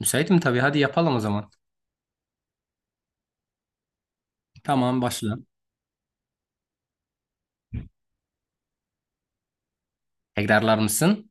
Müsaitim tabii. Hadi yapalım o zaman. Tamam başla. Tekrarlar mısın?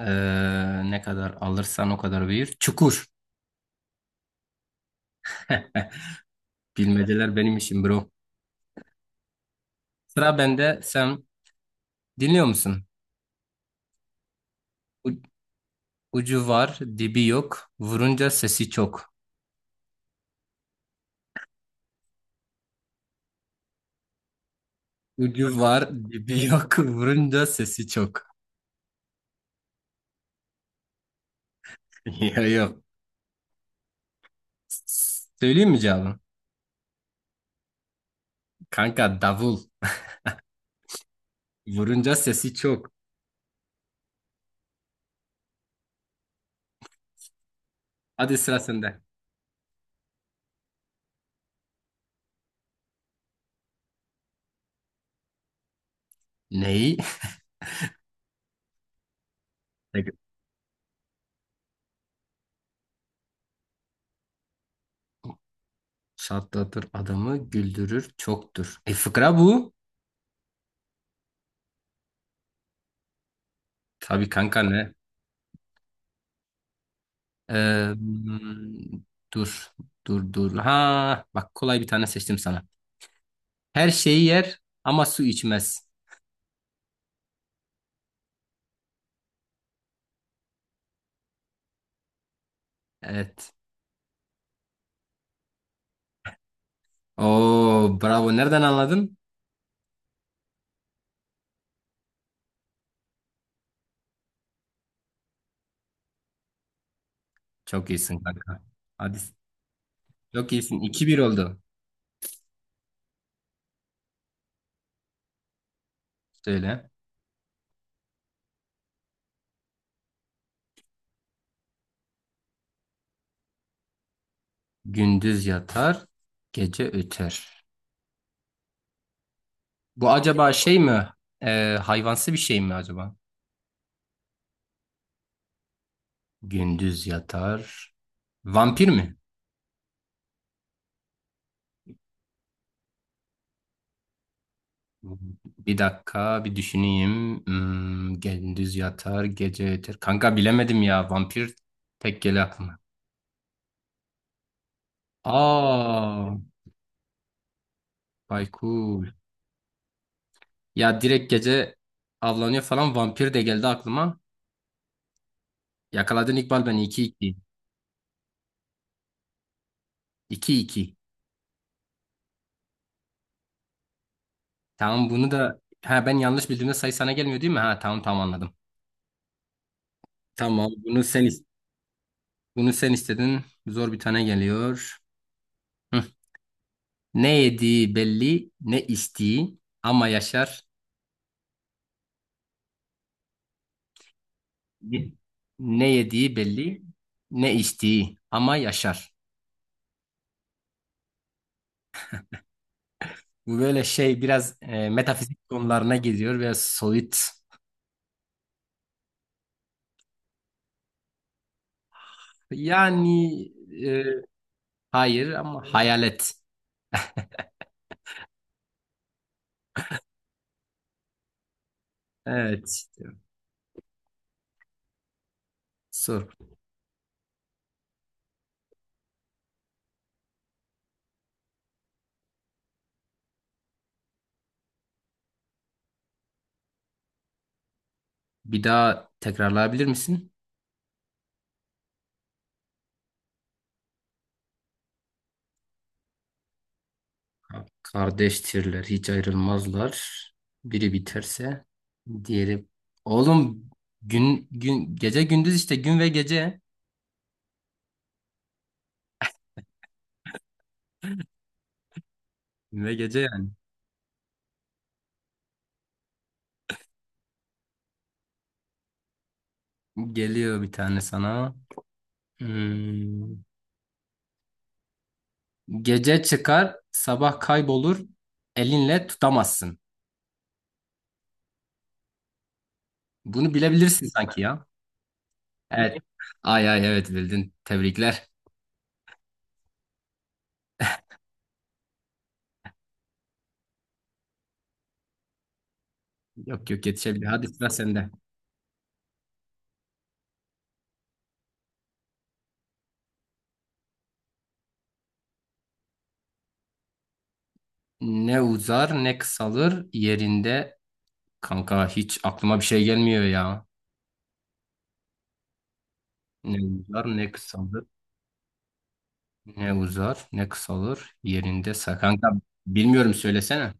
Ee, Ne kadar alırsan o kadar büyür. Çukur. Bilmeceler benim işim bro. Sıra bende. Sen dinliyor musun? U- Ucu var, dibi yok. Vurunca sesi çok. Ucu var, dibi yok. Vurunca sesi çok. Yok yok. Söyleyeyim mi cevabı? Kanka davul. Vurunca sesi çok. Hadi sıra sende. Neyi? Şatlatır adamı güldürür çoktur. E fıkra bu. Tabii kanka ne? Ee, hmm, Dur, dur, dur. Ha, bak kolay bir tane seçtim sana. Her şeyi yer ama su içmez. Evet. Oo, bravo. Nereden anladın? Çok iyisin kanka. Hadi. Çok iyisin. İki bir oldu. Söyle. Gündüz yatar, gece öter. Bu acaba şey mi? Hayvansı bir şey mi acaba? Gündüz yatar. Vampir mi? Bir dakika bir düşüneyim. Gündüz yatar, gece yeter. Kanka bilemedim ya. Vampir pek geliyor aklıma. Aa, Baykul. Ya direkt gece avlanıyor falan vampir de geldi aklıma. Yakaladın İkbal beni iki iki iki iki. Tamam bunu da ha ben yanlış bildiğimde sayı sana gelmiyor değil mi? Ha tamam tamam anladım. Tamam bunu sen istedin. Zor bir tane geliyor. Hı. Ne yediği belli, ne içtiği ama yaşar. Ye- Ne yediği belli, ne içtiği ama yaşar. Bu böyle şey biraz metafizik konularına gidiyor ve soyut. Yani e, hayır ama hayalet. Evet. Sor. Bir daha tekrarlayabilir misin? Kardeştirler, hiç ayrılmazlar. Biri biterse diğeri. Oğlum gün gün gece gündüz işte gün ve gece. Gün ve gece yani. Geliyor bir tane sana. Hmm. Gece çıkar, sabah kaybolur, elinle tutamazsın. Bunu bilebilirsin sanki ya. Evet. Ay ay evet bildin. Tebrikler. Yok yok yetişebilir. Hadi sıra sende. Ne uzar ne kısalır yerinde. Kanka hiç aklıma bir şey gelmiyor ya. Ne uzar ne kısalır. Ne uzar ne kısalır yerinde. Kanka bilmiyorum söylesene.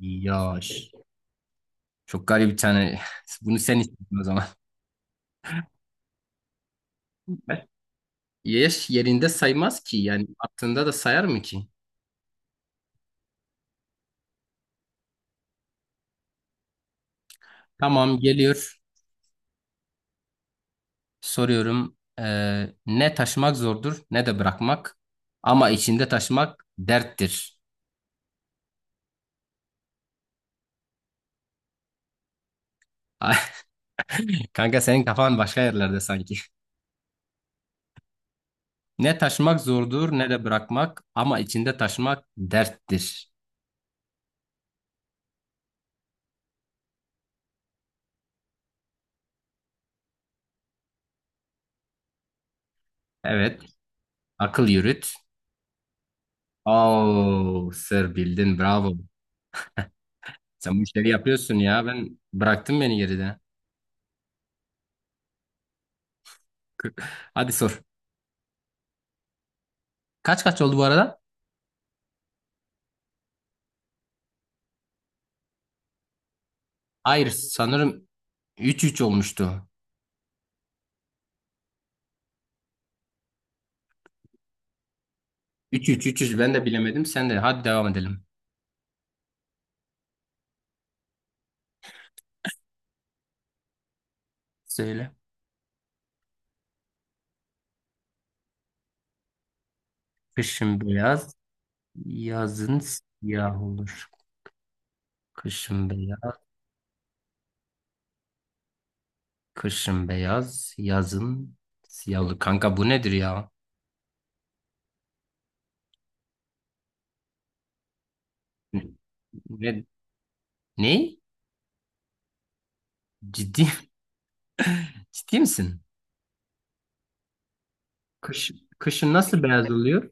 Yaş. Çok garip bir tane. Bunu sen istedin o zaman. Yaş yerinde saymaz ki yani attığında da sayar mı ki? Tamam geliyor. Soruyorum. Ne taşımak zordur ne de bırakmak. Ama içinde taşımak derttir. Kanka senin kafan başka yerlerde sanki. Ne taşımak zordur ne de bırakmak. Ama içinde taşımak derttir. Evet. Akıl yürüt. Oo, sır bildin bravo. Sen bu işleri yapıyorsun ya. Ben bıraktım beni geride. Hadi sor. Kaç kaç oldu bu arada? Hayır sanırım üç üç olmuştu. 300 300 ben de bilemedim. Sen de hadi devam edelim. Söyle. Kışın beyaz, yazın siyah olur. Kışın beyaz, kışın beyaz, yazın siyah olur. Kanka bu nedir ya? Ne? Ne? Ciddi, ciddi misin? Kış, Kışın nasıl beyaz oluyor?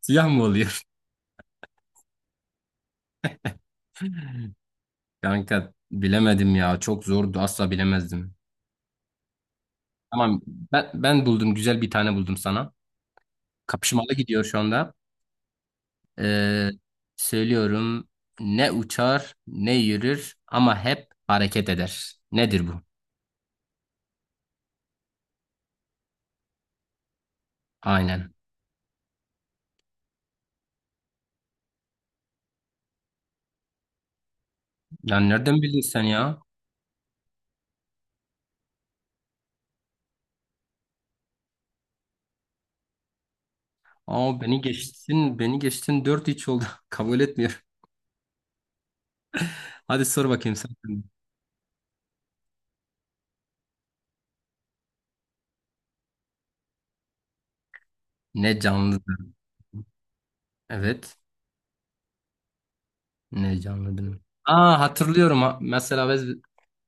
Siyah mı oluyor? Kanka bilemedim ya. Çok zordu. Asla bilemezdim. Tamam ben buldum. Güzel bir tane buldum sana. Kapışmalı gidiyor şu anda. Ee, Söylüyorum ne uçar ne yürür ama hep hareket eder. Nedir bu? Aynen. Ya nereden bildin sen ya? Aa beni geçtin, beni geçtin dört hiç oldu. Kabul etmiyorum. Hadi sor bakayım sen. Ne canlıdır? Evet. Ne canlıdır? Aa hatırlıyorum. Mesela biz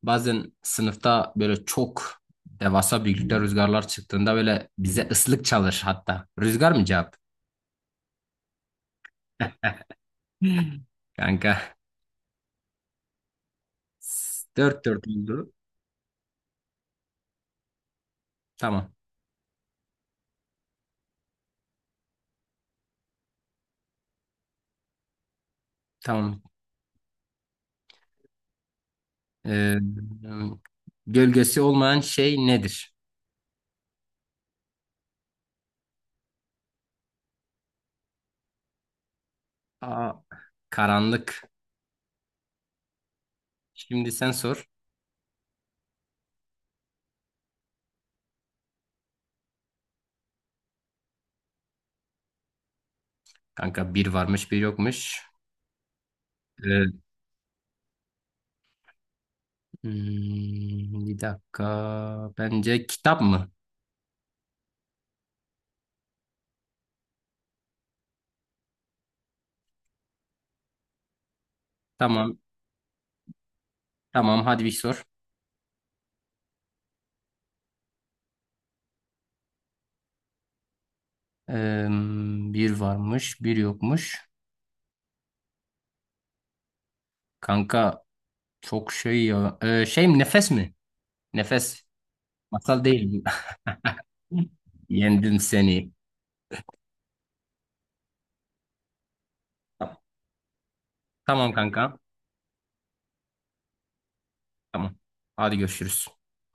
bazen sınıfta böyle çok devasa büyüklükte rüzgarlar çıktığında böyle bize ıslık çalır hatta. Rüzgar mı cevap? Kanka. Dört dört oldu. Tamam. Tamam. Ee, Gölgesi olmayan şey nedir? Aa, karanlık. Şimdi sen sor. Kanka bir varmış bir yokmuş. Ee, Bir dakika. Bence kitap mı? Tamam. Tamam hadi bir sor. Ee, Bir varmış bir yokmuş. Kanka çok şey ya. Şey mi nefes mi? Nefes. Masal değil bu. Yendim seni. Tamam kanka. Tamam. Hadi görüşürüz.